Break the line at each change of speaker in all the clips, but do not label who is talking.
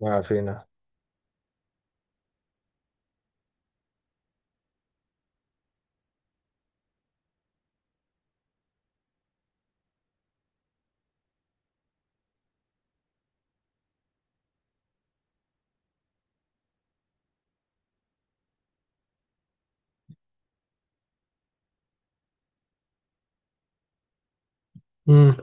ما فينا. مم.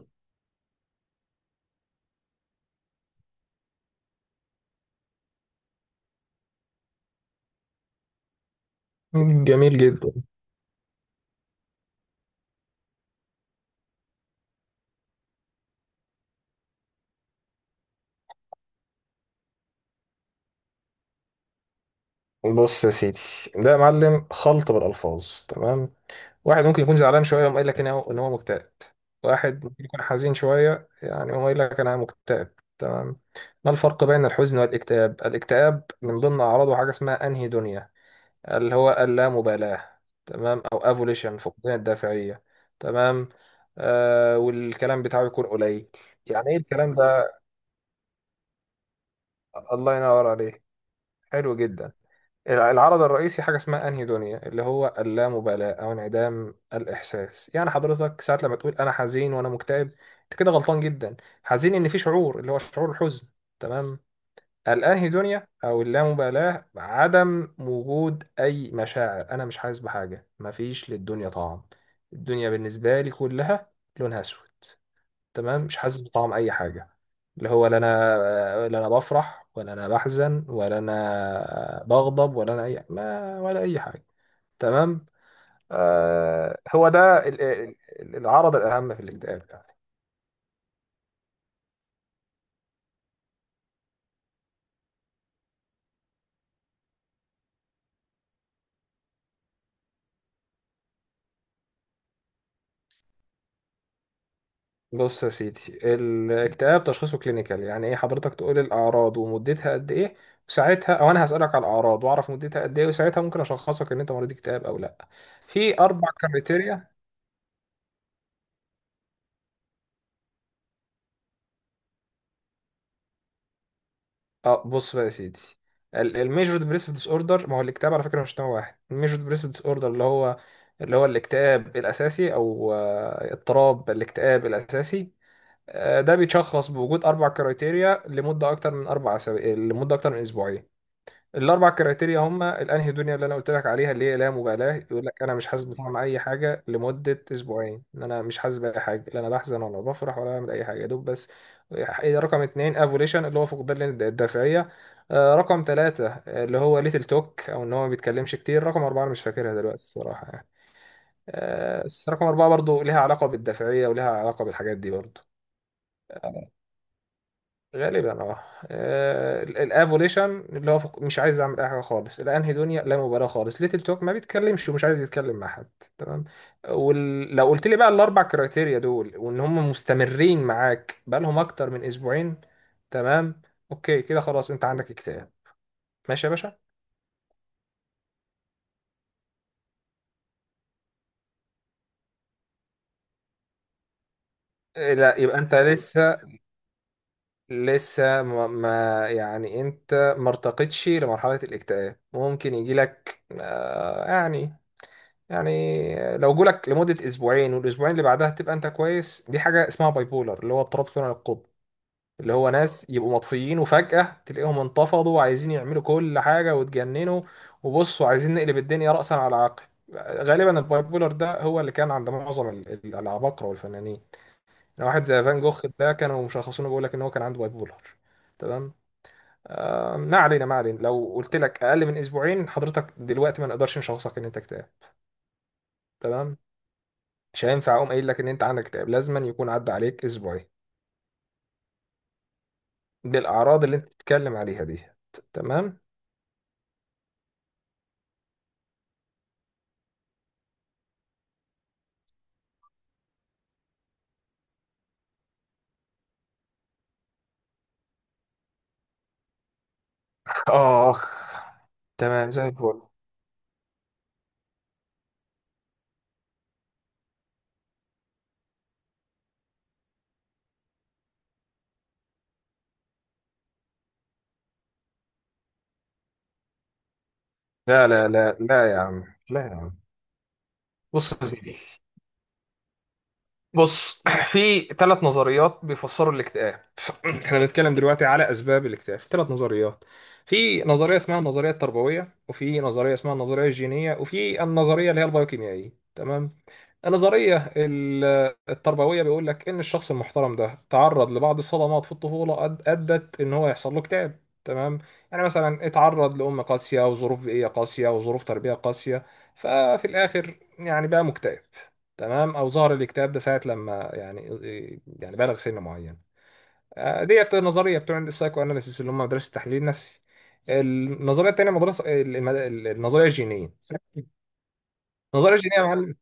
جميل جدا. بص يا سيدي، ده يا معلم خلط بالألفاظ. تمام. واحد ممكن يكون زعلان شوية يقوم قايل لك إن هو مكتئب. واحد ممكن يكون حزين شوية يعني يقوم قايل لك أنا مكتئب. تمام. ما الفرق بين الحزن والاكتئاب؟ الاكتئاب من ضمن أعراضه حاجة اسمها أنهيدونيا اللي هو اللامبالاة. تمام. أو أفوليشن، فقدان الدافعية. تمام. والكلام بتاعه يكون قليل. يعني إيه الكلام ده؟ الله ينور عليك. حلو جدا. العرض الرئيسي حاجة اسمها أنهيدونيا اللي هو اللامبالاة أو انعدام الإحساس. يعني حضرتك ساعات لما تقول أنا حزين وأنا مكتئب، أنت كده غلطان جدا. حزين إن في شعور اللي هو شعور الحزن. تمام. الأنهيدونيا أو اللامبالاة عدم وجود أي مشاعر، أنا مش حاسس بحاجة، مفيش للدنيا طعم، الدنيا بالنسبة لي كلها لونها أسود. تمام، مش حاسس بطعم اي حاجه. اللي هو لا انا، لا انا بفرح، ولا انا بحزن، ولا انا بغضب، ولا انا اي ما، ولا اي حاجه. تمام. هو ده العرض الاهم في الاكتئاب يعني. بص يا سيدي، الاكتئاب تشخيصه كلينيكال. يعني ايه؟ حضرتك تقول الاعراض ومدتها قد ايه، وساعتها، او انا هسالك على الاعراض واعرف مدتها قد ايه، وساعتها ممكن اشخصك ان انت مريض اكتئاب او لا. في اربع كريتيريا. اه، بص بقى يا سيدي، الميجور ديبريسيف ديس اوردر. ما هو الاكتئاب على فكره مش نوع واحد. الميجور ديبريسيف ديس اوردر اللي هو اللي هو الاكتئاب الاساسي، او اضطراب الاكتئاب الاساسي. ده بيتشخص بوجود اربع كرايتيريا لمده اكتر من اسبوعين. الاربع كرايتيريا هم الانهيدونيا اللي انا قلت لك عليها، اللي هي لا مبالاه، يقول لك انا مش حاسس بطعم اي حاجه لمده اسبوعين، ان انا مش حاسس باي حاجه، لا انا بحزن ولا بفرح ولا بعمل اي حاجه يا دوب، بس. رقم اتنين افوليشن اللي هو فقدان الدافعيه. رقم ثلاثة اللي هو ليتل توك، او ان هو ما بيتكلمش كتير. رقم أربعة انا مش فاكرها دلوقتي الصراحه يعني. بس رقم أربعة برضو ليها علاقه بالدافعيه وليها علاقه بالحاجات دي برضو. غالبا اه. الافوليشن اللي هو مش عايز اعمل اي حاجه خالص، الانهي دنيا لا مبالاه خالص، ليتل توك ما بيتكلمش ومش عايز يتكلم مع حد. تمام. ولو قلت لي بقى الاربع كرايتيريا دول وان هم مستمرين معاك بقى لهم اكتر من اسبوعين، تمام، اوكي كده خلاص انت عندك اكتئاب. ماشي يا باشا. لا، يبقى انت لسه، يعني انت ما ارتقتش لمرحله الاكتئاب. ممكن يجي لك يعني، يعني لو جولك لمدة أسبوعين والأسبوعين اللي بعدها تبقى أنت كويس، دي حاجة اسمها باي بولر اللي هو اضطراب ثنائي القطب. اللي هو ناس يبقوا مطفيين وفجأة تلاقيهم انتفضوا وعايزين يعملوا كل حاجة وتجننوا، وبصوا عايزين نقلب الدنيا رأسا على عقب. غالبا الباي بولر ده هو اللي كان عند معظم العباقرة والفنانين. يعني واحد زي فان جوخ ده كانوا مشخصينه، بيقول لك إن هو كان عنده باي بولر. تمام. ما علينا ما علينا. لو قلت لك أقل من أسبوعين، حضرتك دلوقتي ما نقدرش نشخصك إن أنت اكتئاب. تمام. مش هينفع اقوم قايل لك ان انت عندك اكتئاب، لازما يكون عدى عليك اسبوعين بالاعراض اللي انت بتتكلم عليها دي. تمام. اخ تمام، زي الفل. لا لا لا لا يا عم، لا يا عم. بص يا سيدي، بص. في ثلاث نظريات بيفسروا الاكتئاب. احنا بنتكلم دلوقتي على اسباب الاكتئاب. ثلاث نظريات: في نظريه اسمها النظريه التربويه، وفي نظريه اسمها النظريه الجينيه، وفي النظريه اللي هي البيوكيميائيه. تمام. النظريه التربويه بيقول لك ان الشخص المحترم ده تعرض لبعض الصدمات في الطفوله ادت ان هو يحصل له اكتئاب. تمام، يعني مثلا اتعرض لام قاسيه وظروف بيئيه قاسيه وظروف تربيه قاسيه، ففي الاخر يعني بقى مكتئب. تمام، او ظهر الاكتئاب ده ساعه لما يعني، يعني بلغ سن معين. ديت نظريه بتوع السايكو اناليسيس اللي هم مدرسه التحليل النفسي. النظريه الثانيه النظريه الجينيه. النظريه الجينيه يا معلم.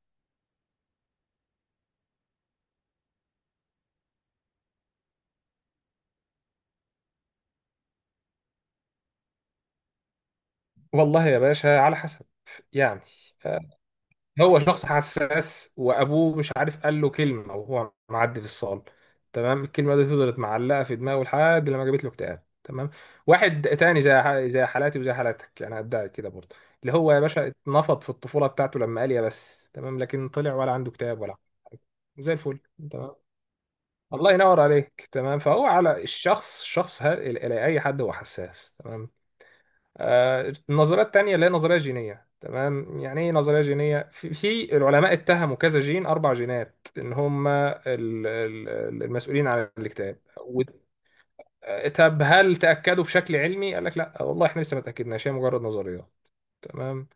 والله يا باشا على حسب يعني. هو شخص حساس وابوه مش عارف قال له كلمه وهو معدي في الصاله، تمام، الكلمه دي فضلت معلقه في دماغه لحد لما جابت له اكتئاب. تمام. واحد تاني زي زي حالاتي وزي حالاتك يعني، ادعي كده برضه، اللي هو يا باشا اتنفض في الطفوله بتاعته لما قال يا بس، تمام، لكن طلع ولا عنده اكتئاب ولا. زي الفل. تمام. الله ينور عليك. تمام. فهو على الشخص، اي حد هو حساس. تمام. النظرية التانية اللي هي نظرية جينية. تمام، يعني ايه نظرية جينية؟ في العلماء اتهموا كذا جين، اربع جينات، ان هم المسؤولين عن الاكتئاب. طب هل تأكدوا بشكل علمي؟ قال لك لا والله احنا لسه ما تأكدناش، هي مجرد نظريات. تمام.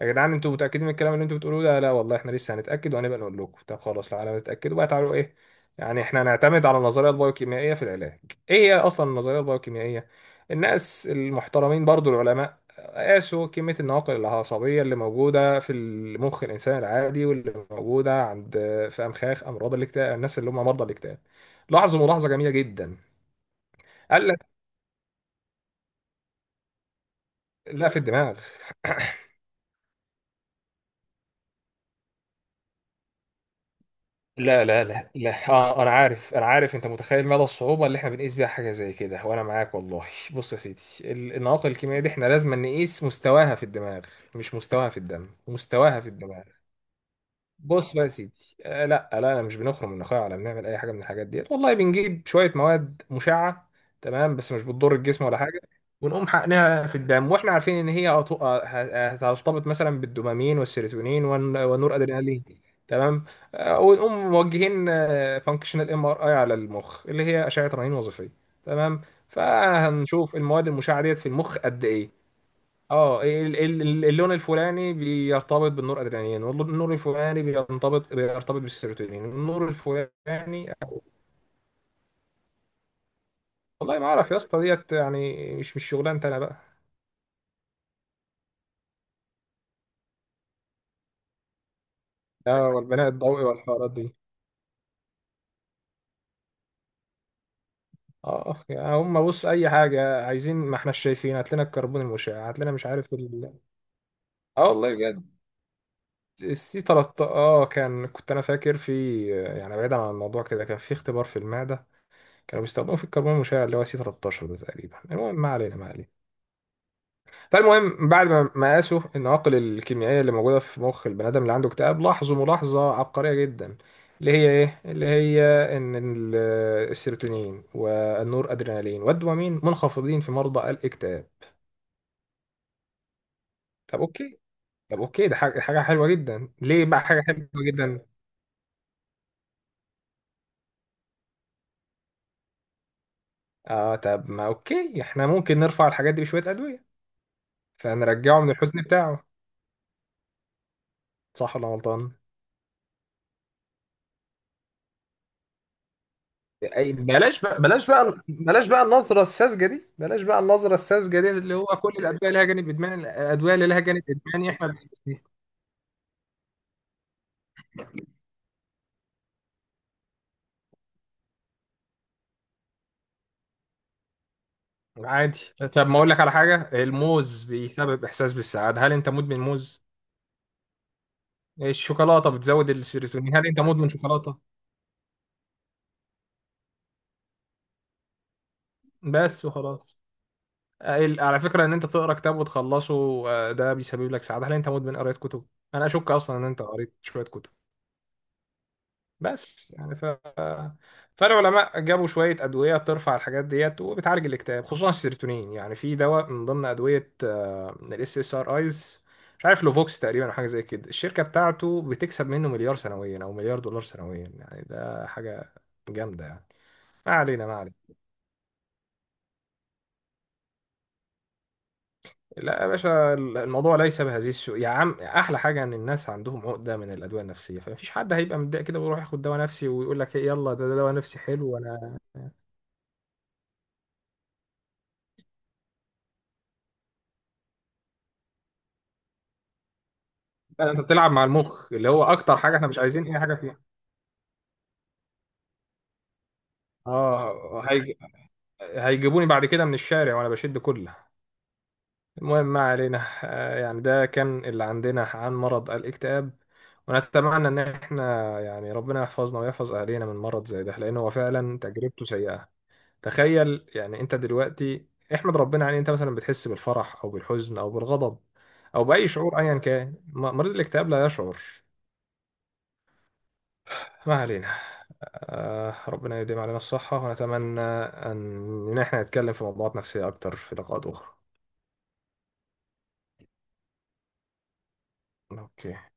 يا جدعان انتوا متأكدين من الكلام اللي انتوا بتقولوه ده؟ لا والله احنا لسه هنتأكد وهنبقى نقول لكم. طب خلاص، لو على ما تتأكدوا بقى تعالوا ايه؟ يعني احنا هنعتمد على النظرية البايوكيميائية في العلاج. ايه هي اصلا النظرية البايوكيميائية؟ الناس المحترمين برضو العلماء قاسوا كمية النواقل العصبية اللي موجودة في المخ الإنسان العادي، واللي موجودة عند، في أمخاخ أمراض الاكتئاب، الناس اللي هم مرضى الاكتئاب. لاحظوا ملاحظة جميلة جدا. قال لك لا، في الدماغ. لا لا لا لا، انا عارف انا عارف، انت متخيل مدى الصعوبه اللي احنا بنقيس بيها حاجه زي كده، وانا معاك والله. بص يا سيدي، النواقل الكيميائيه دي احنا لازم نقيس مستواها في الدماغ، مش مستواها في الدم، مستواها في الدماغ. بص بقى يا سيدي، لا لا، انا مش بنخرم من اخويا ولا بنعمل اي حاجه من الحاجات ديت والله، بنجيب شويه مواد مشعه. تمام. بس مش بتضر الجسم ولا حاجه. ونقوم حقنها في الدم، واحنا عارفين ان هي هترتبط مثلا بالدوبامين والسيروتونين والنور ادرينالين. تمام. ونقوم موجهين فانكشنال ام ار اي على المخ، اللي هي اشعه رنين وظيفيه. تمام. فهنشوف المواد المشعه ديت في المخ قد ايه. اه، اللون الفلاني بيرتبط بالنور ادرينالين، والنور الفلاني بيرتبط بالسيروتونين، النور الفلاني. والله ما اعرف يا اسطى ديت، يعني مش مش شغلانتي انا بقى. اه، والبناء الضوئي والحوارات دي. اه، يعني هم بص اي حاجه عايزين، ما احنا شايفين، هات لنا الكربون المشع، هات لنا مش عارف ال... اه والله بجد. السي 13، اه، كان كنت انا فاكر، في يعني بعيدا عن الموضوع كده، كان في اختبار في المعده كانوا بيستخدموا في الكربون المشع اللي هو سي 13 ده تقريبا. المهم ما علينا ما علينا. فالمهم بعد ما قاسوا النواقل الكيميائية اللي موجودة في مخ البني آدم اللي عنده اكتئاب، لاحظوا ملاحظة عبقرية جدا، اللي هي ايه؟ اللي هي ان ال- السيروتونين والنور ادرينالين والدوبامين منخفضين في مرضى الاكتئاب. طب اوكي، طب اوكي، ده حاجة حلوة جدا، ليه بقى حاجة حلوة جدا؟ اه طب ما اوكي، احنا ممكن نرفع الحاجات دي بشوية أدوية فنرجعه من الحزن بتاعه، صح ولا غلطان؟ أي بلاش بقى، بلاش بقى، بلاش بقى النظرة الساذجة دي، بلاش بقى النظرة الساذجة دي اللي هو كل الأدوية لها جانب إدماني. الأدوية اللي لها جانب إدماني إحنا بنستثنيها. عادي. طب ما أقول لك على حاجة، الموز بيسبب إحساس بالسعادة، هل أنت مدمن موز؟ الشوكولاتة بتزود السيروتونين، هل أنت مدمن شوكولاتة؟ بس وخلاص. على فكرة إن أنت تقرأ كتاب وتخلصه، ده بيسبب لك سعادة، هل أنت مدمن قراية كتب؟ أنا أشك أصلا إن أنت قريت شوية كتب. بس يعني، فالعلماء جابوا شويه ادويه ترفع الحاجات ديت وبتعالج الاكتئاب، خصوصا السيروتونين. يعني في دواء من ضمن ادويه الاس اس ار ايز، مش عارف لوفوكس تقريبا او حاجه زي كده، الشركه بتاعته بتكسب منه مليار سنويا او مليار دولار سنويا، يعني ده حاجه جامده يعني. ما علينا ما علينا. لا يا باشا، الموضوع ليس بهذه السوء يا عم. احلى حاجه ان الناس عندهم عقده من الادويه النفسيه، فمفيش حد هيبقى متضايق كده ويروح ياخد دواء نفسي ويقول لك إيه يلا، ده دواء نفسي حلو. لا، انت بتلعب مع المخ اللي هو اكتر حاجه احنا مش عايزين اي حاجه فيها. اه هيجيبوني بعد كده من الشارع وانا بشد كله. المهم ما علينا. يعني ده كان اللي عندنا عن مرض الاكتئاب. ونتمنى ان احنا يعني ربنا يحفظنا ويحفظ اهالينا من مرض زي ده، لان هو فعلا تجربته سيئه. تخيل يعني انت دلوقتي، احمد ربنا عليه، انت مثلا بتحس بالفرح او بالحزن او بالغضب او باي شعور ايا كان، مريض الاكتئاب لا يشعر. ما علينا. آه، ربنا يديم علينا الصحة، ونتمنى أن إحنا نتكلم في موضوعات نفسية أكتر في لقاءات أخرى. أوكي.